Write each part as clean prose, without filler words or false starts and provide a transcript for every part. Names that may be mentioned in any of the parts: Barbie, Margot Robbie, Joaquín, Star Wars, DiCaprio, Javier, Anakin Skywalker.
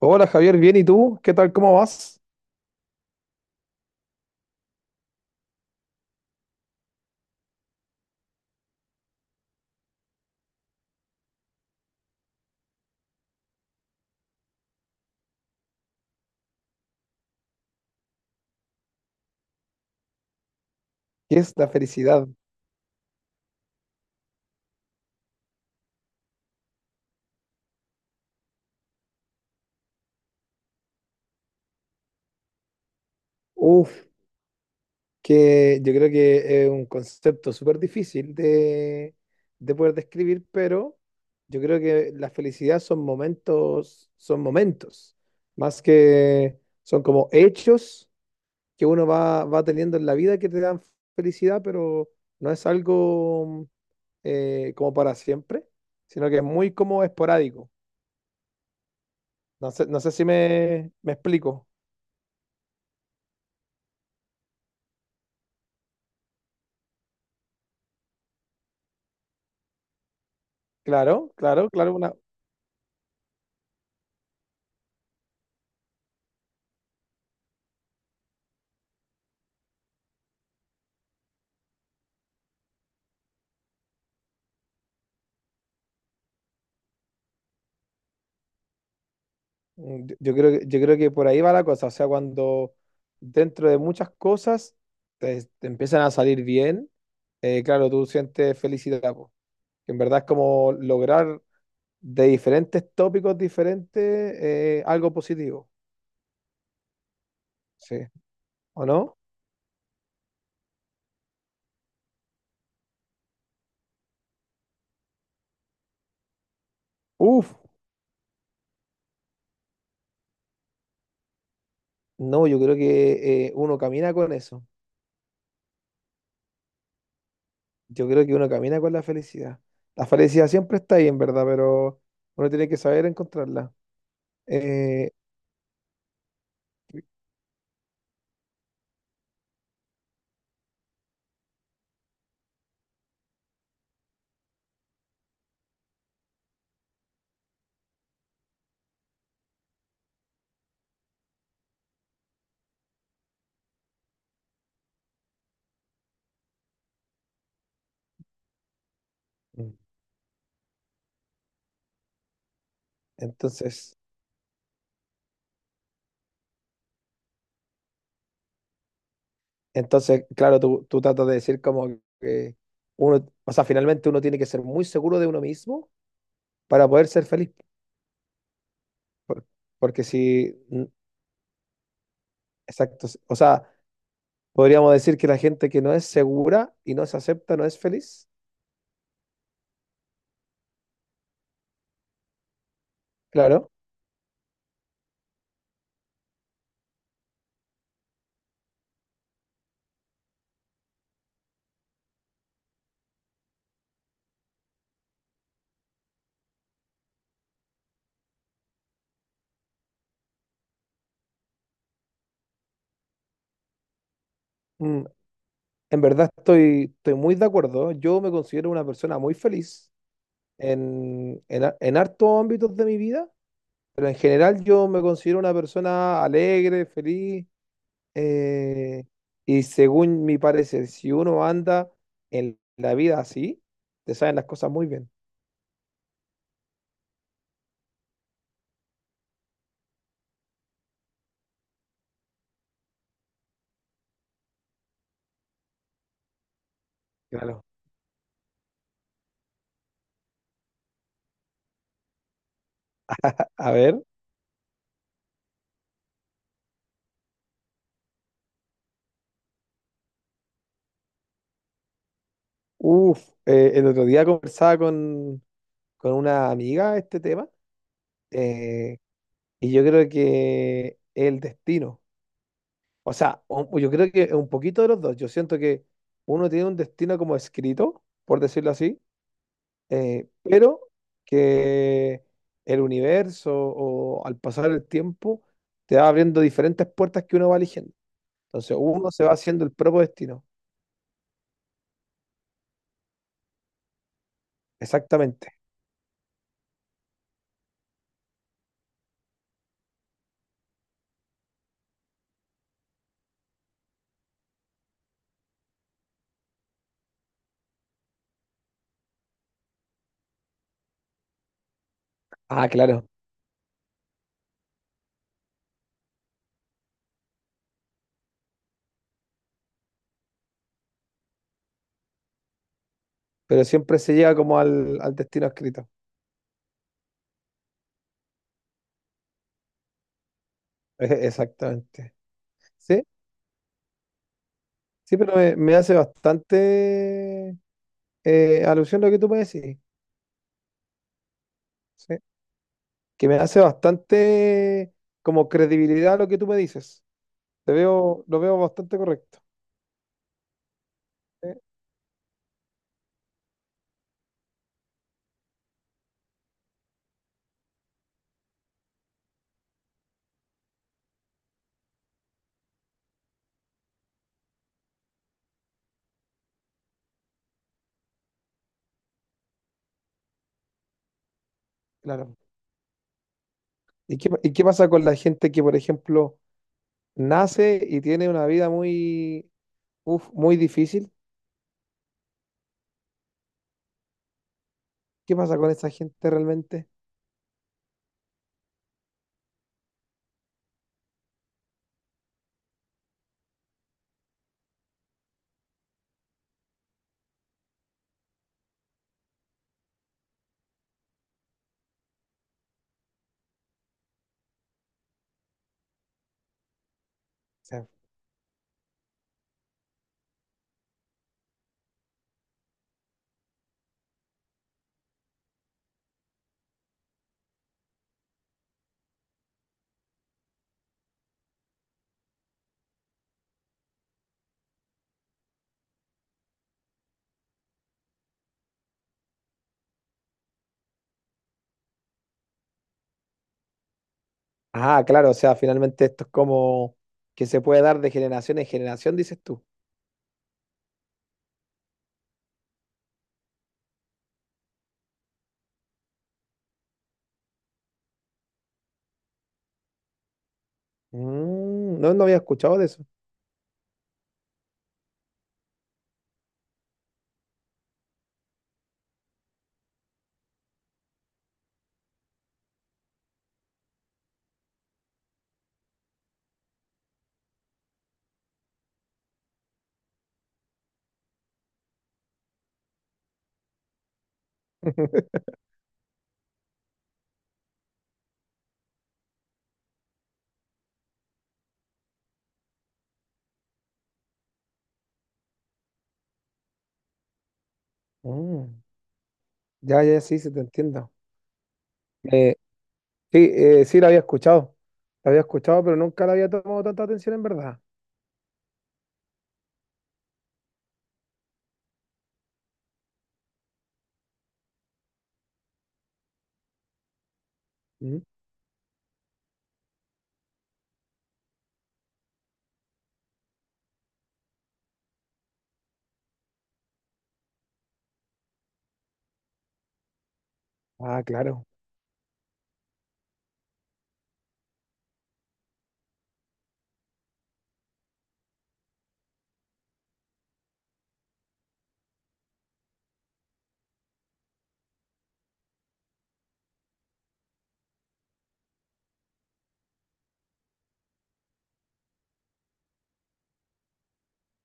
Hola Javier, bien, ¿y tú? ¿Qué tal? ¿Cómo vas? ¿Qué es la felicidad? Uf, que yo creo que es un concepto súper difícil de poder describir, pero yo creo que la felicidad son momentos, más que son como hechos que uno va teniendo en la vida que te dan felicidad, pero no es algo como para siempre, sino que es muy como esporádico. No sé, no sé si me explico. Claro, claro, claro, una, yo creo que, yo creo que por ahí va la cosa, o sea, cuando dentro de muchas cosas te empiezan a salir bien, claro, tú sientes felicidad, po. Que en verdad es como lograr de diferentes tópicos diferentes algo positivo. Sí, ¿o no? Uf, no, yo creo que uno camina con eso, yo creo que uno camina con la felicidad. La felicidad siempre está ahí, en verdad, pero uno tiene que saber encontrarla. Eh, mm. Entonces, entonces, claro, tú tratas de decir como que uno, o sea, finalmente uno tiene que ser muy seguro de uno mismo para poder ser feliz. Por- Porque si, exacto, o sea, podríamos decir que la gente que no es segura y no se acepta no es feliz. Claro. mm, en verdad estoy muy de acuerdo. Yo me considero una persona muy feliz en hartos ámbitos de mi vida, pero en general yo me considero una persona alegre, feliz. Eh, y según mi parecer, si uno anda en la vida así, te saben las cosas muy bien. Claro. A ver, uff, el otro día conversaba con una amiga este tema, eh, y yo creo que el destino, o sea, yo creo que un poquito de los dos, yo siento que uno tiene un destino como escrito, por decirlo así, pero que el universo o al pasar el tiempo te va abriendo diferentes puertas que uno va eligiendo. Entonces uno se va haciendo el propio destino. Exactamente. Ah, claro. Pero siempre se llega como al destino escrito. Exactamente. Sí, sí, pero me hace bastante alusión lo que tú me decís. Sí. Que me hace bastante como credibilidad lo que tú me dices. Te veo, lo veo bastante correcto. Sí, claro. Y qué pasa con la gente que, por ejemplo, nace y tiene una vida muy, uf, muy difícil? ¿Qué pasa con esa gente realmente? O sea, ah, claro, o sea, finalmente esto es como que se puede dar de generación en generación, dices tú. Mm, no, no había escuchado de eso. Mm, ya, ya, sí, se te entiendo. Eh, sí, sí, la había escuchado. La había escuchado, pero nunca la había tomado tanta atención en verdad. Mm. Ah, claro.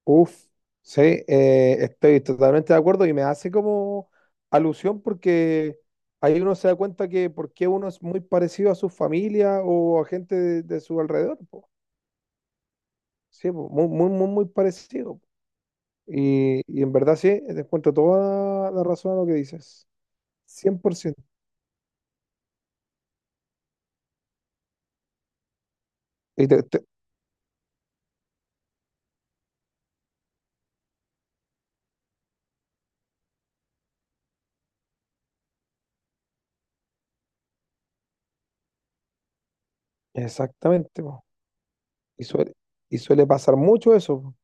Uf, sí, estoy totalmente de acuerdo y me hace como alusión porque ahí uno se da cuenta que por qué uno es muy parecido a su familia o a gente de su alrededor, po. Sí, po, muy, muy, muy, muy parecido, po. Y en verdad sí, te encuentro toda la razón a lo que dices, 100%. Y te- te- Exactamente, po. Y suele, y suele pasar mucho eso, po.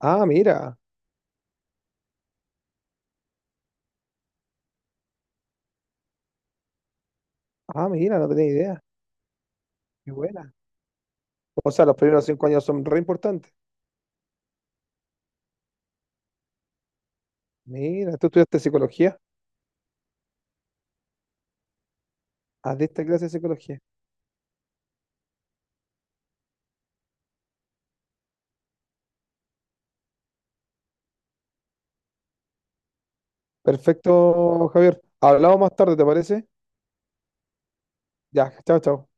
Ah, mira, ah, mira, no tenía idea. Qué buena. O sea, los primeros 5 años son re importantes. Mira, tú estudiaste psicología. Adicta a clase de psicología. Perfecto, Javier. Hablamos más tarde, ¿te parece? Ya, chao, chao.